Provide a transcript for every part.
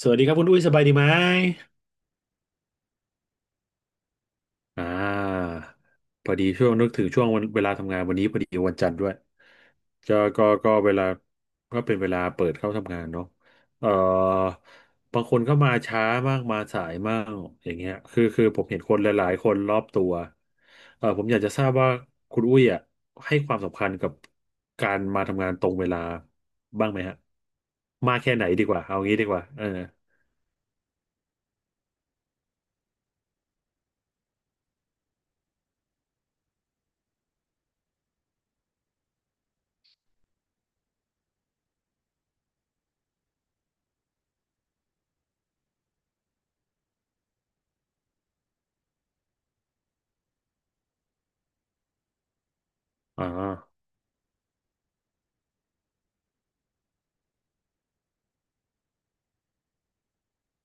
สวัสดีครับคุณอุ้ยสบายดีไหมอ่าพอดีช่วงนึกถึงช่วงวันเวลาทำงานวันนี้พอดีวันจันทร์ด้วยก็เวลาก็เป็นเวลาเปิดเข้าทำงานเนาะเอ่อบางคนก็มาช้ามากมาสายมากอย่างเงี้ยคือผมเห็นคนหลายๆคนรอบตัวผมอยากจะทราบว่าคุณอุ้ยอ่ะให้ความสำคัญกับการมาทำงานตรงเวลาบ้างไหมฮะมากแค่ไหนดีกว่าเอางี้ดีกว่าอ๋อ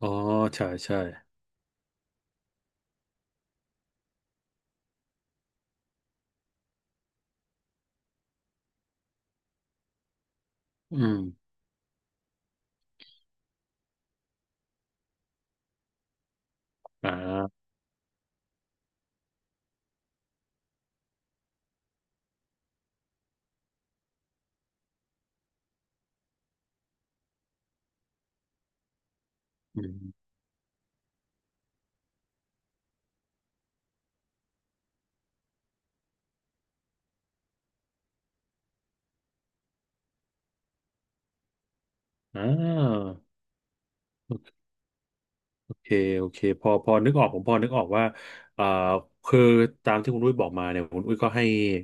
อ๋อใช่ใช่ อืมอ่าอืมอ่า โอเคโอเคพอพอนึกออกผมพอนึกออกว่าเอ่อคือตามที่คุณอุ้ยบอกมาเนี่ยคุณอุ้ยก็ให้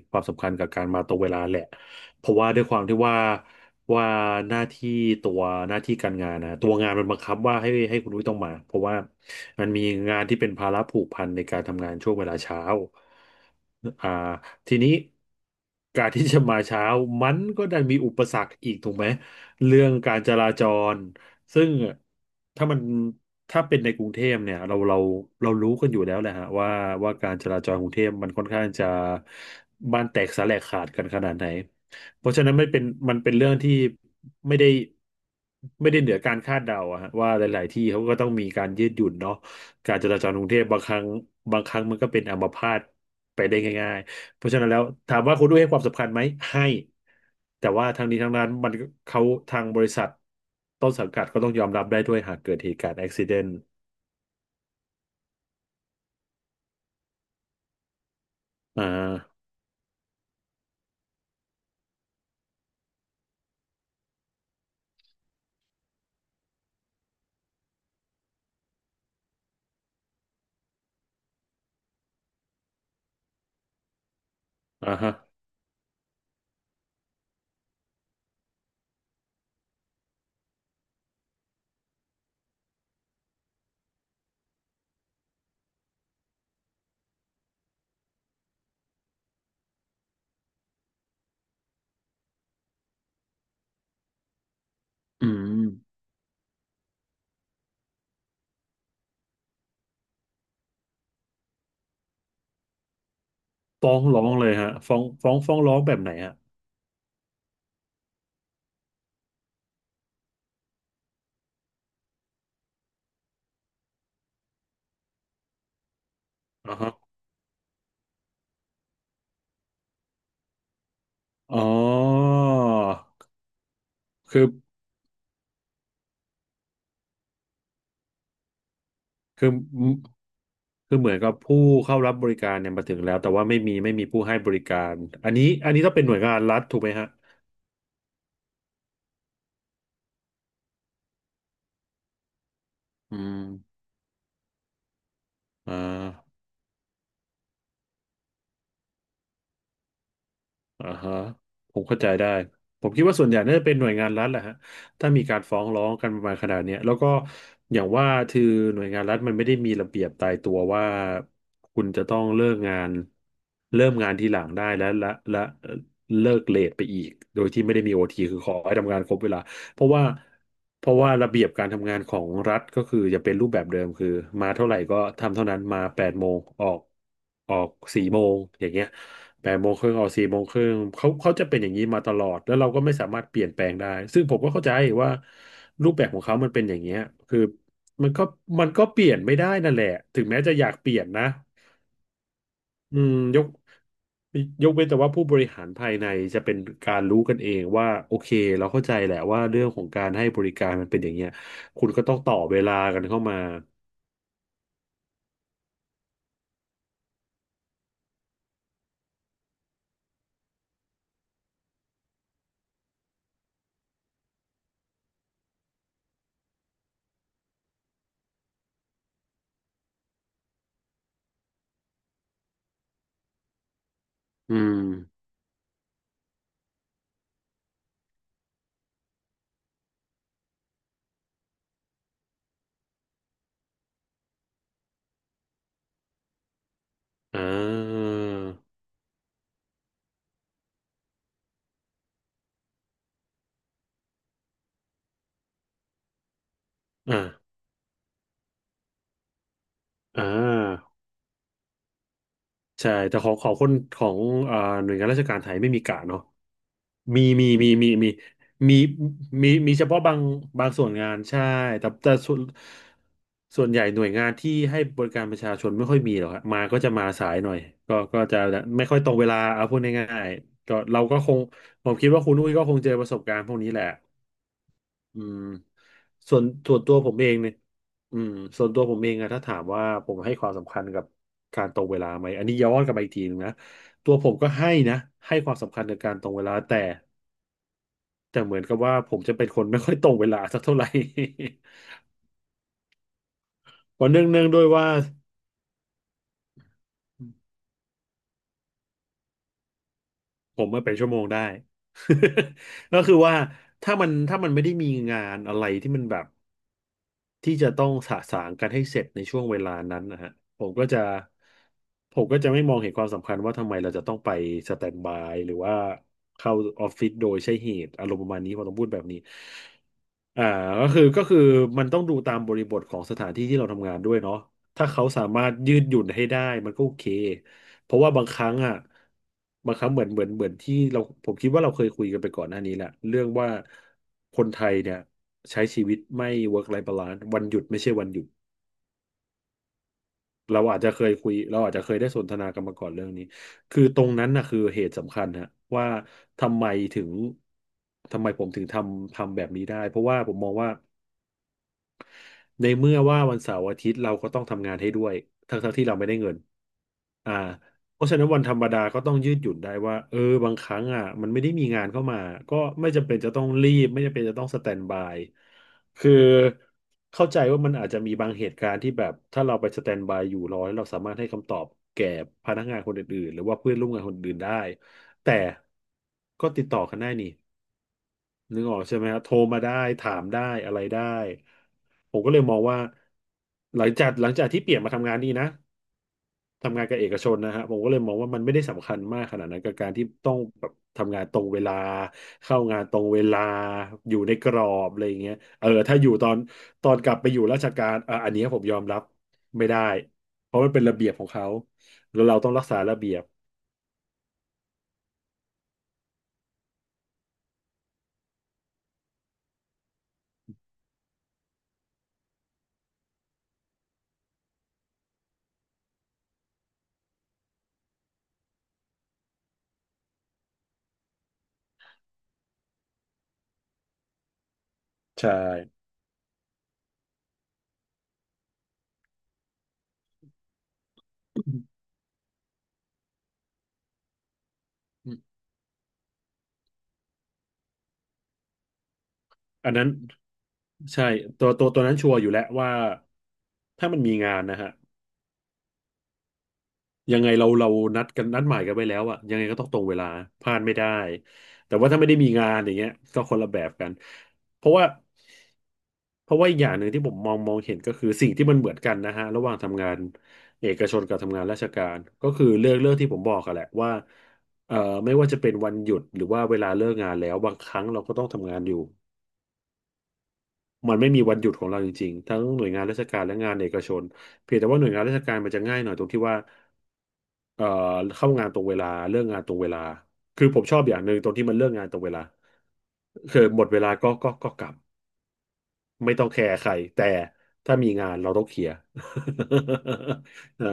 ความสำคัญกับการมาตรงเวลาแหละเพราะว่าด้วยความที่ว่าว่าหน้าที่ตัวหน้าที่การงานนะตัวงานมันบังคับว่าให้คุณอุ้ยต้องมาเพราะว่ามันมีงานที่เป็นภาระผูกพันในการทำงานช่วงเวลาเช้าอ่าทีนี้การที่จะมาเช้ามันก็ดันมีอุปสรรคอีกถูกไหมเรื่องการจราจร ซึ่งถ้ามันถ้าเป็นในกรุงเทพเนี่ยเรารู้กันอยู่แล้วแหละฮะว่าการจราจรกรุงเทพมันค่อนข้างจะบ้านแตกสาแหลกขาดกันขนาดไหนเพราะฉะนั้นไม่เป็นมันเป็นเรื่องที่ไม่ได้ไม่ได้เหนือการคาดเดาอะฮะว่าหลายๆที่เขาก็ต้องมีการยืดหยุ่นเนาะการจราจรกรุงเทพบางครั้งบางครั้งมันก็เป็นอัมพาตไปได้ง่าย เพราะฉะนั้นแล้วถามว่าคุณด้วยให้ความสำคัญไหมให้แต่ว่าทางนี้ทางนั้นมันเขาทางบริษัทต้นสังกัดก็ต้องยอมรับได้ด้วยหากเกิดเหตุการณ์อุบัติเหตุอ่าอ่าฮะอืมฟ้องร้องเลยฮะฟ้องร้องแบบไหนฮะอ่าฮะอ๋อคือคือคือเหมือนกับผู้เข้ารับบริการเนี่ยมาถึงแล้วแต่ว่าไม่มีผู้ให้บริการอันนี้ต้องเป็นหน่วยงานรัฐถูกไหมฮะอืมอ่า อ่าฮะผมเข้าใจได้ผมคิดว่าส่วนใหญ่น่าจะเป็นหน่วยงานรัฐแหละฮะถ้ามีการฟ้องร้องกันประมาณขนาดเนี้ยแล้วก็อย่างว่าคือหน่วยงานรัฐมันไม่ได้มีระเบียบตายตัวว่าคุณจะต้องเลิกงานเริ่มงานทีหลังได้และเลิกเลทไปอีกโดยที่ไม่ได้มีโอทีคือขอให้ทำงานครบเวลาเพราะว่าเพราะว่าระเบียบการทำงานของรัฐก็คือจะเป็นรูปแบบเดิมคือมาเท่าไหร่ก็ทำเท่านั้นมาแปดโมงออกสี่โมงอย่างเงี้ย แปดโมงครึ่งออกสี่โมงครึ่งเขาจะเป็นอย่างนี้มาตลอดแล้วเราก็ไม่สามารถเปลี่ยนแปลงได้ซึ่งผมก็เข้าใจว่ารูปแบบของเขามันเป็นอย่างเงี้ยคือมันก็มันก็เปลี่ยนไม่ได้นั่นแหละถึงแม้จะอยากเปลี่ยนนะอืมยกเว้นแต่ว่าผู้บริหารภายในจะเป็นการรู้กันเองว่าโอเคเราเข้าใจแหละว่าเรื่องของการให้บริการมันเป็นอย่างเงี้ยคุณก็ต้องต่อเวลากันเข้ามาอืมอ่าอ่าอ่า ใช่แต่ของคนของเอ่อหน่วยงานราชการไทยไม่มีกะเนาะมีมีมีมีมีมีมมีเฉพาะบางส่วนงานใช่แต่ส่วนใหญ่หน่วยงานที่ให้บริการประชาชนไม่ค่อยมีหรอกครับมาก็จะมาสายหน่อยก็จะไม่ค่อยตรงเวลาเอาพูดง่ายๆก็เราก็คงผมคิดว่าคุณอุ้ยก็คงเจอประสบการณ์พวกนี้แหละ อืมส่วนตัวผมเองเนี่ยอืมส่วนตัวผมเองอะถ้าถามว่าผมให้ความสำคัญกับการตรงเวลาไหมอันนี้ย้อนกลับไปอีกทีหนึงนะตัวผมก็ให้นะให้ความสำคัญกับการตรงเวลาแต่แต่เหมือนกับว่าผมจะเป็นคนไม่ค่อยตรงเวลาสักเท่าไหร่ เพราะเนื่องด้วยว่าผมมาเป็นชั่วโมงได้ ก็คือว่าถ้ามันไม่ได้มีงานอะไรที่มันแบบ ที่จะต้องสะสางกันให้เสร็จในช่วงเวลานั้นนะฮะผมก็จะผมก็จะไม่มองเห็นความสำคัญว่าทำไมเราจะต้องไปสแตนด์บายหรือว่าเข้าออฟฟิศโดยใช่เหตุอารมณ์ประมาณนี้พอต้องพูดแบบนี้ อ่าก็คือมันต้องดูตามบริบทของสถานที่ที่เราทำงานด้วยเนาะถ้าเขาสามารถยืดหยุ่นให้ได้มันก็โอเคเพราะว่าบางครั้งอ่ะบางครั้งเหมือนที่เราผมคิดว่าเราเคยคุยกันไปก่อนหน้านี้แหละเรื่องว่าคนไทยเนี่ยใช้ชีวิตไม่ work life balance วันหยุดไม่ใช่วันหยุดเราอาจจะเคยคุยเราอาจจะเคยได้สนทนากันมาก่อนเรื่องนี้คือตรงนั้นนะคือเหตุสำคัญฮะว่าทำไมถึงทำไมผมถึงทำแบบนี้ได้เพราะว่าผมมองว่า ในเมื่อว่าวันเสาร์อาทิตย์เราก็ต้องทำงานให้ด้วยทั้งๆทที่เราไม่ได้เงินอ่าเพราะฉะนั้นวันธรรมดาก็ต้องยืดหยุ่นได้ว่าเออบางครั้งอ่ะมันไม่ได้มีงานเข้ามาก็ไม่จำเป็นจะต้องรีบไม่จำเป็นจะต้องสแตนบายคือเข้าใจว่ามันอาจจะมีบางเหตุการณ์ที่แบบถ้าเราไปสแตนบายอยู่รอแล้วเราสามารถให้คำตอบแก่พนักงานคนอื่นๆหรือว่าเพื่อนร่วมงานคนอื่นได้แต่ก็ติดต่อกันได้นี่ นึกออกใช่ไหมฮะโทรมาได้ถามได้อะไรได้ผมก็เลยมองว่าหลังจากที่เปลี่ยนมาทำงานนี้นะทำงานกับเอกชนนะฮะผมก็เลยมองว่ามันไม่ได้สำคัญมากขนาดนั้นกับการที่ต้องแบบทำงานตรงเวลาเข้างานตรงเวลาอยู่ในกรอบอะไรอย่างเงี้ยเออถ้าอยู่ตอนตอนกลับไปอยู่ราชการอ่ะอันเนี้ยผมยอมรับไม่ได้เพราะมันเป็นระเบียบของเขาแล้วเราต้องรักษาระเบียบใช่ อันนั้นใช่ตัวนั้นชัวร์อยู่แล้วว่าถ้ามันมีงานนะฮะยังไงเรานัดหมายกันไว้แล้วอะยังไงก็ต้องตรงเวลาพลาดไม่ได้แต่ว่าถ้าไม่ได้มีงานอย่างเงี้ยก็คนละแบบกันเพราะว่าเพราะว่าอีกอย่างหนึ่งที่ผมมองเห็นก็คือสิ่งที่มันเหมือนกันนะฮะระหว่างทำงานเอกชนกับทำงานราชการก็คือเรื่องที่ผมบอกกันแหละว่าเอ่อไม่ว่าจะเป็นวันหยุดหรือว่าเวลาเลิกงานแล้วบางครั้งเราก็ต้องทำงานอยู่ มันไม่มีวันหยุดของเราจริงๆทั้งหน่วยงานราชการและงานเอกชนเพียงแต่ว่าหน่วยงานราชการมันจะง่ายหน่อยตรงที่ว่าเอ่อเข้างานตรงเวลาเลิกงานตรงเวลาคือผมชอบอย่างหนึ่งตรงที่มันเลิกงานตรงเวลาคือหมดเวลาก็กลับไม่ต้องแคร์ใครแต่ถ้ามีงานเราต้องเคลียร์ เออ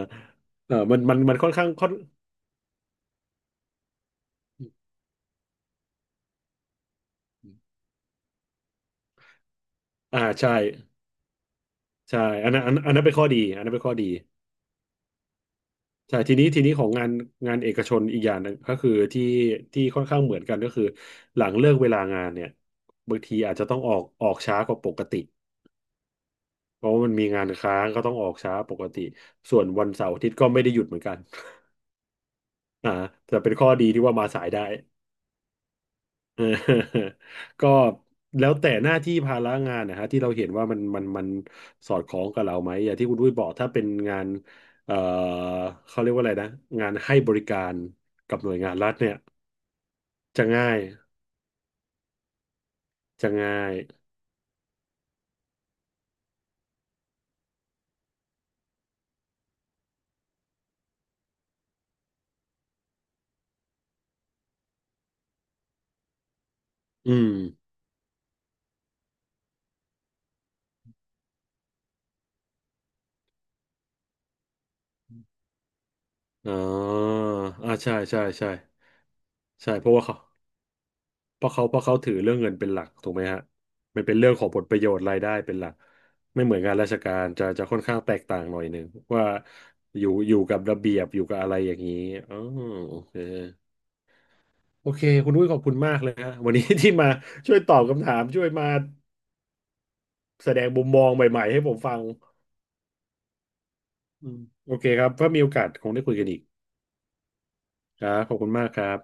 เออมันมันมันค่อนข้างค่อนอ่าใช่ใช่อันนั้นเป็นข้อดีอันนั้นเป็นข้อดี ใช่ทีนี้ของงานงานเอกชนอีกอย่างหนึงก็คือที่ที่ค่อนข้างเหมือนกันก็คือหลังเลิกเวลางานเนี่ยบางทีอาจจะต้องออกช้ากว่าปกติเพราะว่ามันมีงานค้างก็ต้องออกช้าปกติส่วนวันเสาร์อาทิตย์ก็ไม่ได้หยุดเหมือนกัน อ่าแต่เป็นข้อดีที่ว่ามาสายได้ เออก็แล้วแต่หน้าที่ภาระงานนะฮะที่เราเห็นว่ามันสอดคล้องกับเราไหมอย่างที่คุณดุ้ยบอกถ้าเป็นงานเอ่อเขาเรียกว่าอะไรนะงานให้บริการกับหน่วยงานรัฐเนี่ย จะง่ายจะง่ายอืมอ๋ออ่าใช่ ใช่ ใช่ใช่เพราะว่าเขาเพราะเขาถือเรื่องเงินเป็นหลักถูกไหมฮะมันเป็นเรื่องของผลประโยชน์รายได้เป็นหลักไม่เหมือนงานราชการจะค่อนข้างแตกต่างหน่อยหนึ่งว่าอยู่กับระเบียบอยู่กับอะไรอย่างนี้อ๋อโอเคโอเค คุณอุ้ยขอบคุณมากเลยฮะวันนี้ที่มาช่วยตอบคำถาม ช่วยมาแสดงมุมมองใหม่ๆให้ผมฟังอืมโอเคครับถ้ามีโอกาสคงได้คุยกันอีกครับขอบคุณมากครับ